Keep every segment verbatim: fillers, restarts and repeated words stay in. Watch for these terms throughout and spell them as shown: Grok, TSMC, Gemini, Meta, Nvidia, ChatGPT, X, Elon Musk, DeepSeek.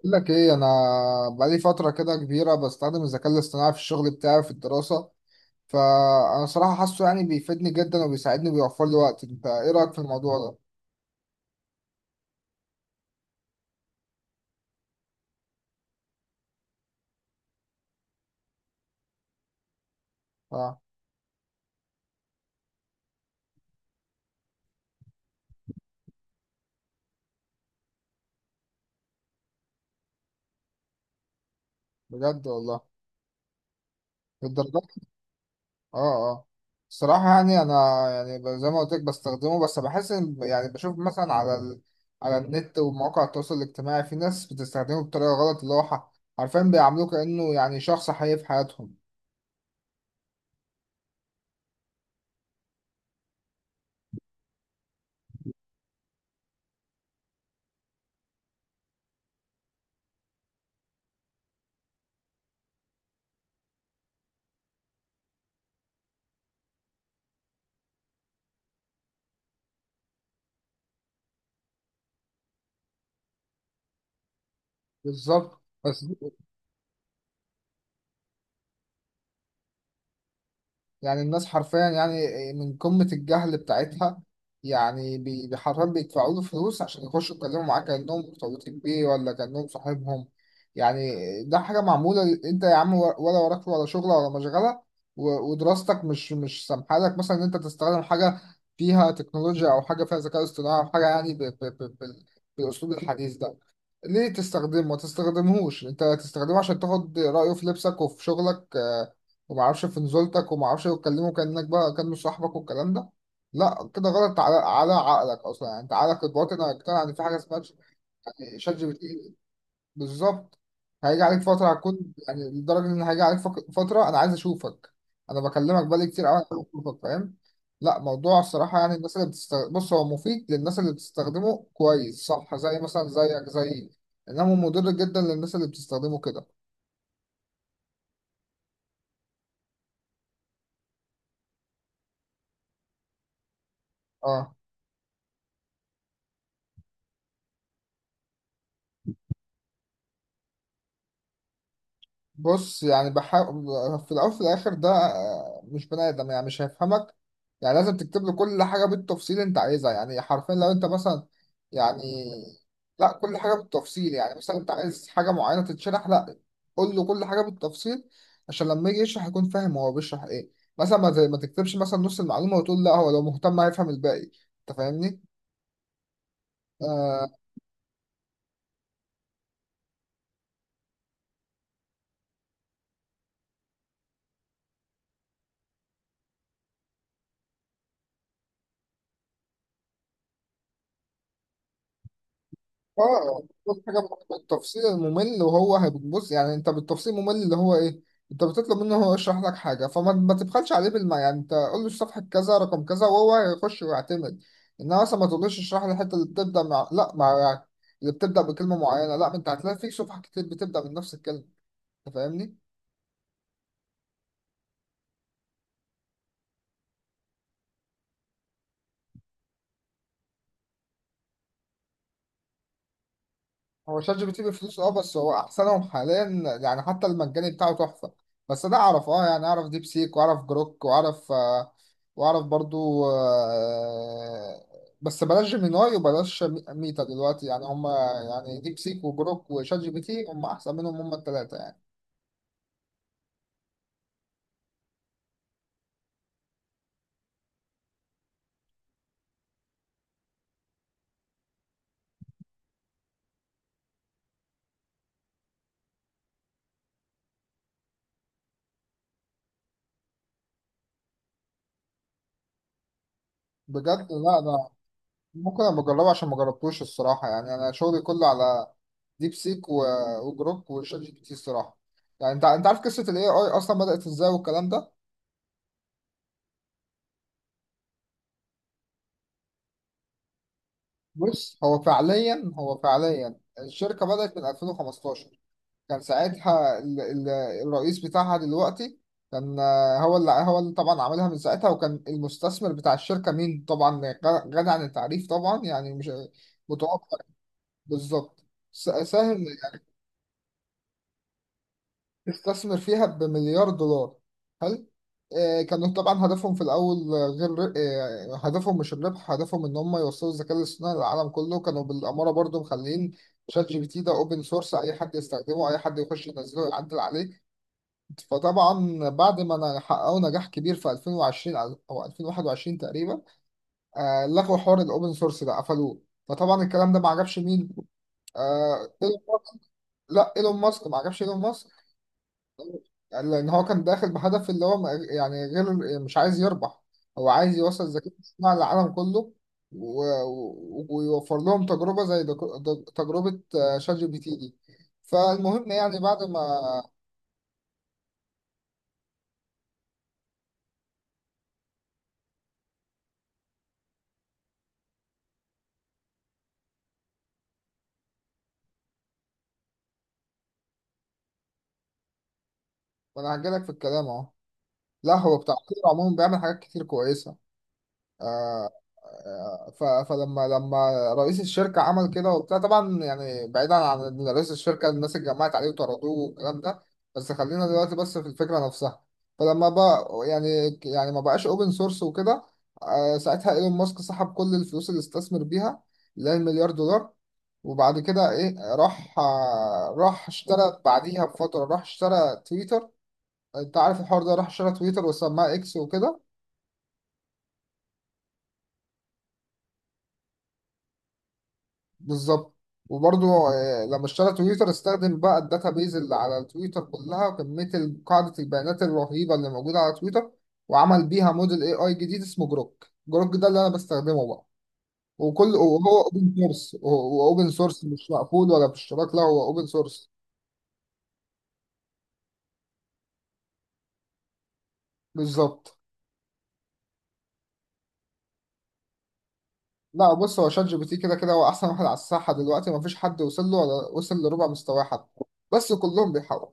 بقول لك ايه، انا بقالي فتره كده كبيره بستخدم الذكاء الاصطناعي في الشغل بتاعي، في الدراسه. فانا صراحه حاسه يعني بيفيدني جدا، وبيساعدني، وبيوفر لي وقت. انت ايه رايك في الموضوع ده؟ اه، بجد والله؟ للدرجه دي؟ اه، اه. الصراحه يعني انا، يعني ب- زي ما قلت لك بستخدمه، بس بحس ان يعني بشوف مثلا على ال... على النت ومواقع التواصل الاجتماعي، في ناس بتستخدمه بطريقه غلط، اللي هو ح- حرفيا بيعاملوه كانه يعني شخص حقيقي في حياتهم. بالظبط. بس يعني الناس حرفيا، يعني، من قمة الجهل بتاعتها، يعني بي- بي- حرفيا بيدفعوا له فلوس عشان يخشوا يتكلموا معاه كأنهم مرتبطين بيه، ولا كأنهم صاحبهم، يعني. ده حاجة معمولة ل- انت يا عم ور- ولا وراك ولا شغل ولا مشغلة، و- ودراستك مش مش سامحة لك مثلا ان انت تستخدم حاجة فيها تكنولوجيا او حاجة فيها ذكاء اصطناعي، او حاجة يعني ب- ب- ب- بال- بالاسلوب الحديث ده. ليه تستخدمه ما تستخدمهوش؟ انت تستخدمه عشان تاخد رأيه في لبسك وفي شغلك، آه، وما اعرفش في نزولتك، وما اعرفش تكلمه كأنك بقى كأنه صاحبك والكلام ده. لا، كده غلط على على عقلك اصلا، يعني انت عقلك الباطن هيقتنع ان في حاجه اسمها ش- يعني شات جي بي تي. بالظبط. هيجي عليك فترة، هتكون يعني لدرجة إن هيجي عليك فك- فترة أنا عايز أشوفك. أنا بكلمك بقالي كتير أوي، أنا عايز أشوفك، فاهم؟ لا، موضوع الصراحة يعني الناس اللي بتستخدم، بص، هو مفيد للناس اللي بتستخدمه كويس، صح؟ زي مثلا زيك زي، إنما مضر جدا للناس اللي بتستخدمه كده. أه. بص، يعني بحاول. في الأول وفي الآخر ده آه، مش بني آدم، يعني مش هيفهمك. يعني لازم تكتب له كل حاجة بالتفصيل أنت عايزها، يعني حرفيا لو أنت مثلا، يعني، لا، كل حاجة بالتفصيل، يعني مثلا أنت عايز حاجة معينة تتشرح، لا، قول له كل حاجة بالتفصيل عشان لما يجي يشرح يكون فاهم هو بيشرح إيه. مثلا ما ت- ما تكتبش مثلا نص المعلومة، وتقول لا هو لو مهتم هيفهم الباقي. أنت فاهمني؟ آه، اه، كل حاجه بالتفصيل الممل، وهو هيبص، يعني انت بالتفصيل الممل اللي هو ايه؟ انت بتطلب منه هو يشرح لك حاجه، فما ما تبخلش عليه بالما، يعني انت قول له صفحه كذا رقم كذا، وهو هيخش ويعتمد. انما مثلا ما تقولوش اشرح لي الحته اللي بتبدا مع لا مع، يعني اللي بتبدا بكلمه معينه، لا، ما انت هتلاقي في صفحه كتير بتبدا من نفس الكلمه. انت فاهمني؟ هو شات جي بي تي بفلوس اه، بس هو احسنهم حاليا، يعني حتى المجاني بتاعه تحفه. بس ده اعرف، اه يعني اعرف ديب سيك، واعرف جروك، واعرف آه واعرف برضو آه بس بلاش جيميناي، وبلاش مي- ميتا دلوقتي، يعني هم، يعني ديب سيك وجروك وشات جي بي تي هم احسن منهم، هم الثلاثه يعني. بجد؟ لا ده ممكن انا بجربه عشان ما جربتوش الصراحه، يعني انا شغلي كله على ديب سيك و- وجروك وشات جي بي تي الصراحه. يعني انت انت عارف قصه الاي اي اصلا بدات ازاي والكلام ده؟ بص، هو فعليا هو فعليا الشركة بدأت من ألفين وخمستاشر. كان ساعتها ال- ال- الرئيس بتاعها دلوقتي، كان آه، هو اللي هو اللي طبعا عملها من ساعتها. وكان المستثمر بتاع الشركة مين طبعا؟ غ- غني عن التعريف طبعا، يعني مش متوقع. بالظبط. س- ساهم، استثمر فيها بمليار دولار. هل آه، كانوا طبعا هدفهم في الأول، آه، غير، آه، هدفهم مش الربح، هدفهم إن هم يوصلوا الذكاء الاصطناعي للعالم كله، كانوا بالأمارة برضو مخلين شات جي بي تي ده أوبن سورس، أي حد يستخدمه، أي حد يخش ينزله يعدل عليه. فطبعا بعد ما نا- حققوا نجاح كبير في ألفين وعشرين أو ألفين وواحد وعشرين تقريبا، آه، لغوا حوار الأوبن سورس ده، قفلوه. فطبعا الكلام ده ما عجبش مين؟ آه، إيلون- لا، ايلون ماسك، ما عجبش ايلون ماسك، يعني لان هو كان داخل بهدف اللي هو ما- يعني غير، مش عايز يربح، هو عايز يوصل الذكاء الاصطناعي للعالم كله، و... و- ويوفر لهم تجربة زي دك- دك- تجربة آه، شات جي بي تي دي. فالمهم يعني بعد ما ما انا هجيلك في الكلام اهو. لا، هو بتاع كتير، عموما بيعمل حاجات كتير كويسة. آه، آه، ف- فلما لما رئيس الشركة عمل كده وبتاع طبعا، يعني بعيدا عن إن رئيس الشركة الناس اتجمعت عليه وطردوه والكلام ده، بس خلينا دلوقتي بس في الفكرة نفسها. فلما بقى يعني يعني ما بقاش اوبن سورس وكده، آه، ساعتها ايلون ماسك سحب كل الفلوس اللي استثمر بيها، اللي هي المليار دولار. وبعد كده ايه، راح آه، راح اشترى بعديها بفترة، راح اشترى تويتر. انت عارف الحوار ده، راح اشترى تويتر وسماها اكس وكده. بالظبط. وبرضه آه، لما اشترى تويتر، استخدم بقى الداتا بيز اللي على تويتر كلها، وكمية ال- قاعدة البيانات الرهيبة اللي موجودة على تويتر، وعمل بيها موديل اي اي جديد اسمه جروك. جروك ده اللي انا بستخدمه بقى، وكل وهو اوبن سورس، واوبن سورس مش مقفول ولا باشتراك، لا هو اوبن سورس. بالظبط. لا بص، هو شات جي بي تي كده كده هو احسن واحد على الساحة دلوقتي، مفيش حد وصل له ولا وصل لربع مستواه حتى، بس كلهم بيحاولوا.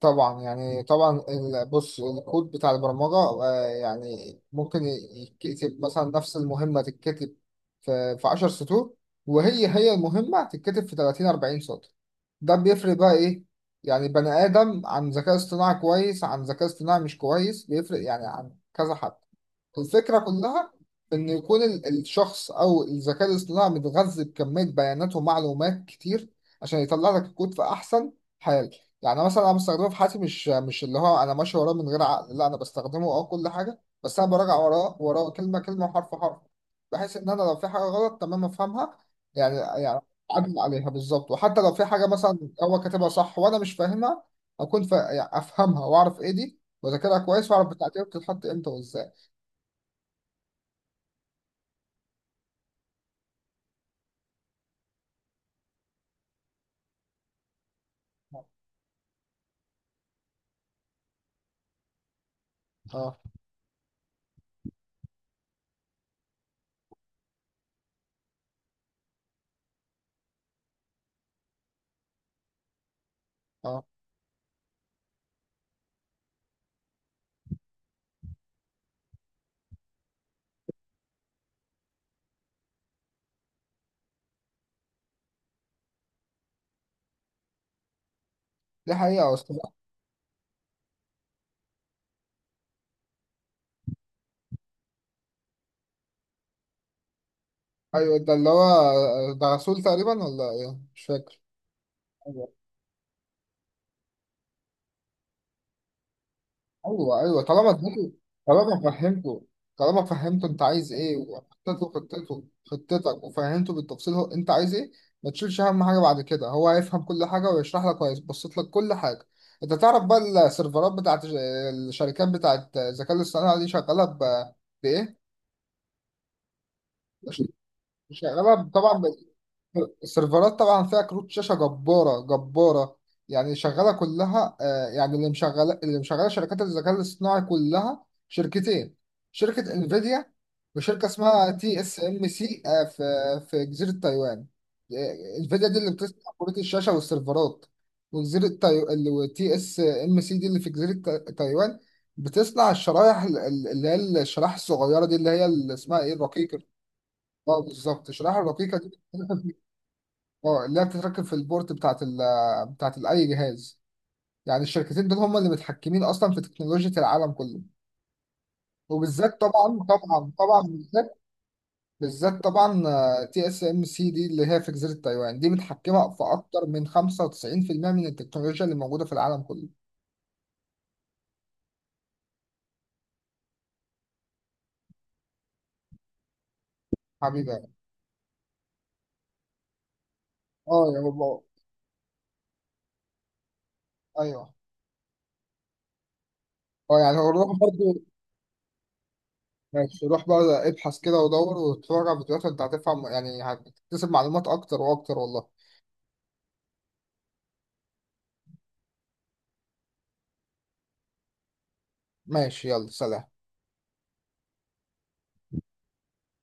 طبعا، يعني طبعا ال- بص، الكود بتاع البرمجة، آه، يعني ممكن يتكتب مثلا نفس المهمة، تتكتب في في عشر سطور، وهي هي المهمة تتكتب في ثلاثين أربعين سطر. ده بيفرق بقى ايه؟ يعني بني آدم عن ذكاء اصطناعي كويس عن ذكاء اصطناعي مش كويس بيفرق، يعني عن كذا حد. الفكرة كلها إن يكون ال- الشخص أو الذكاء الاصطناعي متغذي بكمية بيانات ومعلومات كتير، عشان يطلع لك الكود في أحسن حال. يعني مثلا أنا بستخدمه في حياتي، مش مش اللي هو أنا ماشي وراه من غير عقل، لا أنا بستخدمه أه كل حاجة، بس أنا براجع وراه وراه كلمة كلمة وحرف حرف، بحيث إن أنا لو في حاجة غلط تمام أفهمها، يعني يعني أعدل عليها بالظبط. وحتى لو في حاجة مثلا هو كاتبها صح وأنا مش فاهمها، أكون فا... يعني أفهمها، وأعرف إيه دي، وأذاكرها كويس، وأعرف بتاعتي بتتحط إمتى وإزاي. أه، اه، دي حقيقة أصلا. أيوة، ده اللي هو ده رسول تقريبا ولا إيه؟ مش فاكر. أيوة، أيوة، أيوة، طالما اديته. طالما فهمته طالما فهمته أنت عايز إيه، وحطيت له خطته خطتك، وفهمته بالتفصيل هو أنت عايز إيه، ما تشيلش. أهم حاجة بعد كده هو هيفهم كل حاجة ويشرح لك وهيبسط لك كل حاجة. أنت تعرف بقى السيرفرات بتاعت ج- الشركات بتاعت الذكاء الاصطناعي دي شغالة ب- بإيه؟ شغالة طبعا. السيرفرات طبعا فيها كروت شاشه جباره جباره، يعني شغاله كلها، آه، يعني اللي مشغله اللي مشغله شركات الذكاء الاصطناعي كلها شركتين، شركه انفيديا، وشركه اسمها تي اس ام سي في في جزيره تايوان. آه، انفيديا دي اللي بتصنع كروت الشاشه والسيرفرات، وجزيره تايوان، تي اس ام سي دي اللي في جزيره تا- تايوان، بتصنع الشرايح ال- ال- اللي هي الشرايح الصغيره دي، اللي هي اللي اسمها ايه، الرقيقه. اه بالظبط، الشرايح الرقيقه دي. اه، اللي هي بتتركب في البورت بتاعت ال بتاعت ال- اي جهاز. يعني الشركتين دول هم اللي متحكمين اصلا في تكنولوجيا العالم كله، وبالذات طبعا طبعا طبعا، بالذات بالذات طبعا، تي اس ام سي دي اللي هي في جزيره تايوان دي متحكمه في اكتر من خمسة وتسعين في المية من التكنولوجيا اللي موجوده في العالم كله. حبيبي. اه يا بابا. ايوه. اه يعني هو، روح برضه. ماشي، روح بقى ابحث كده ودور واتفرج على فيديوهات، وانت هتفهم، يعني هتكتسب معلومات اكتر واكتر والله. ماشي، يلا، سلام.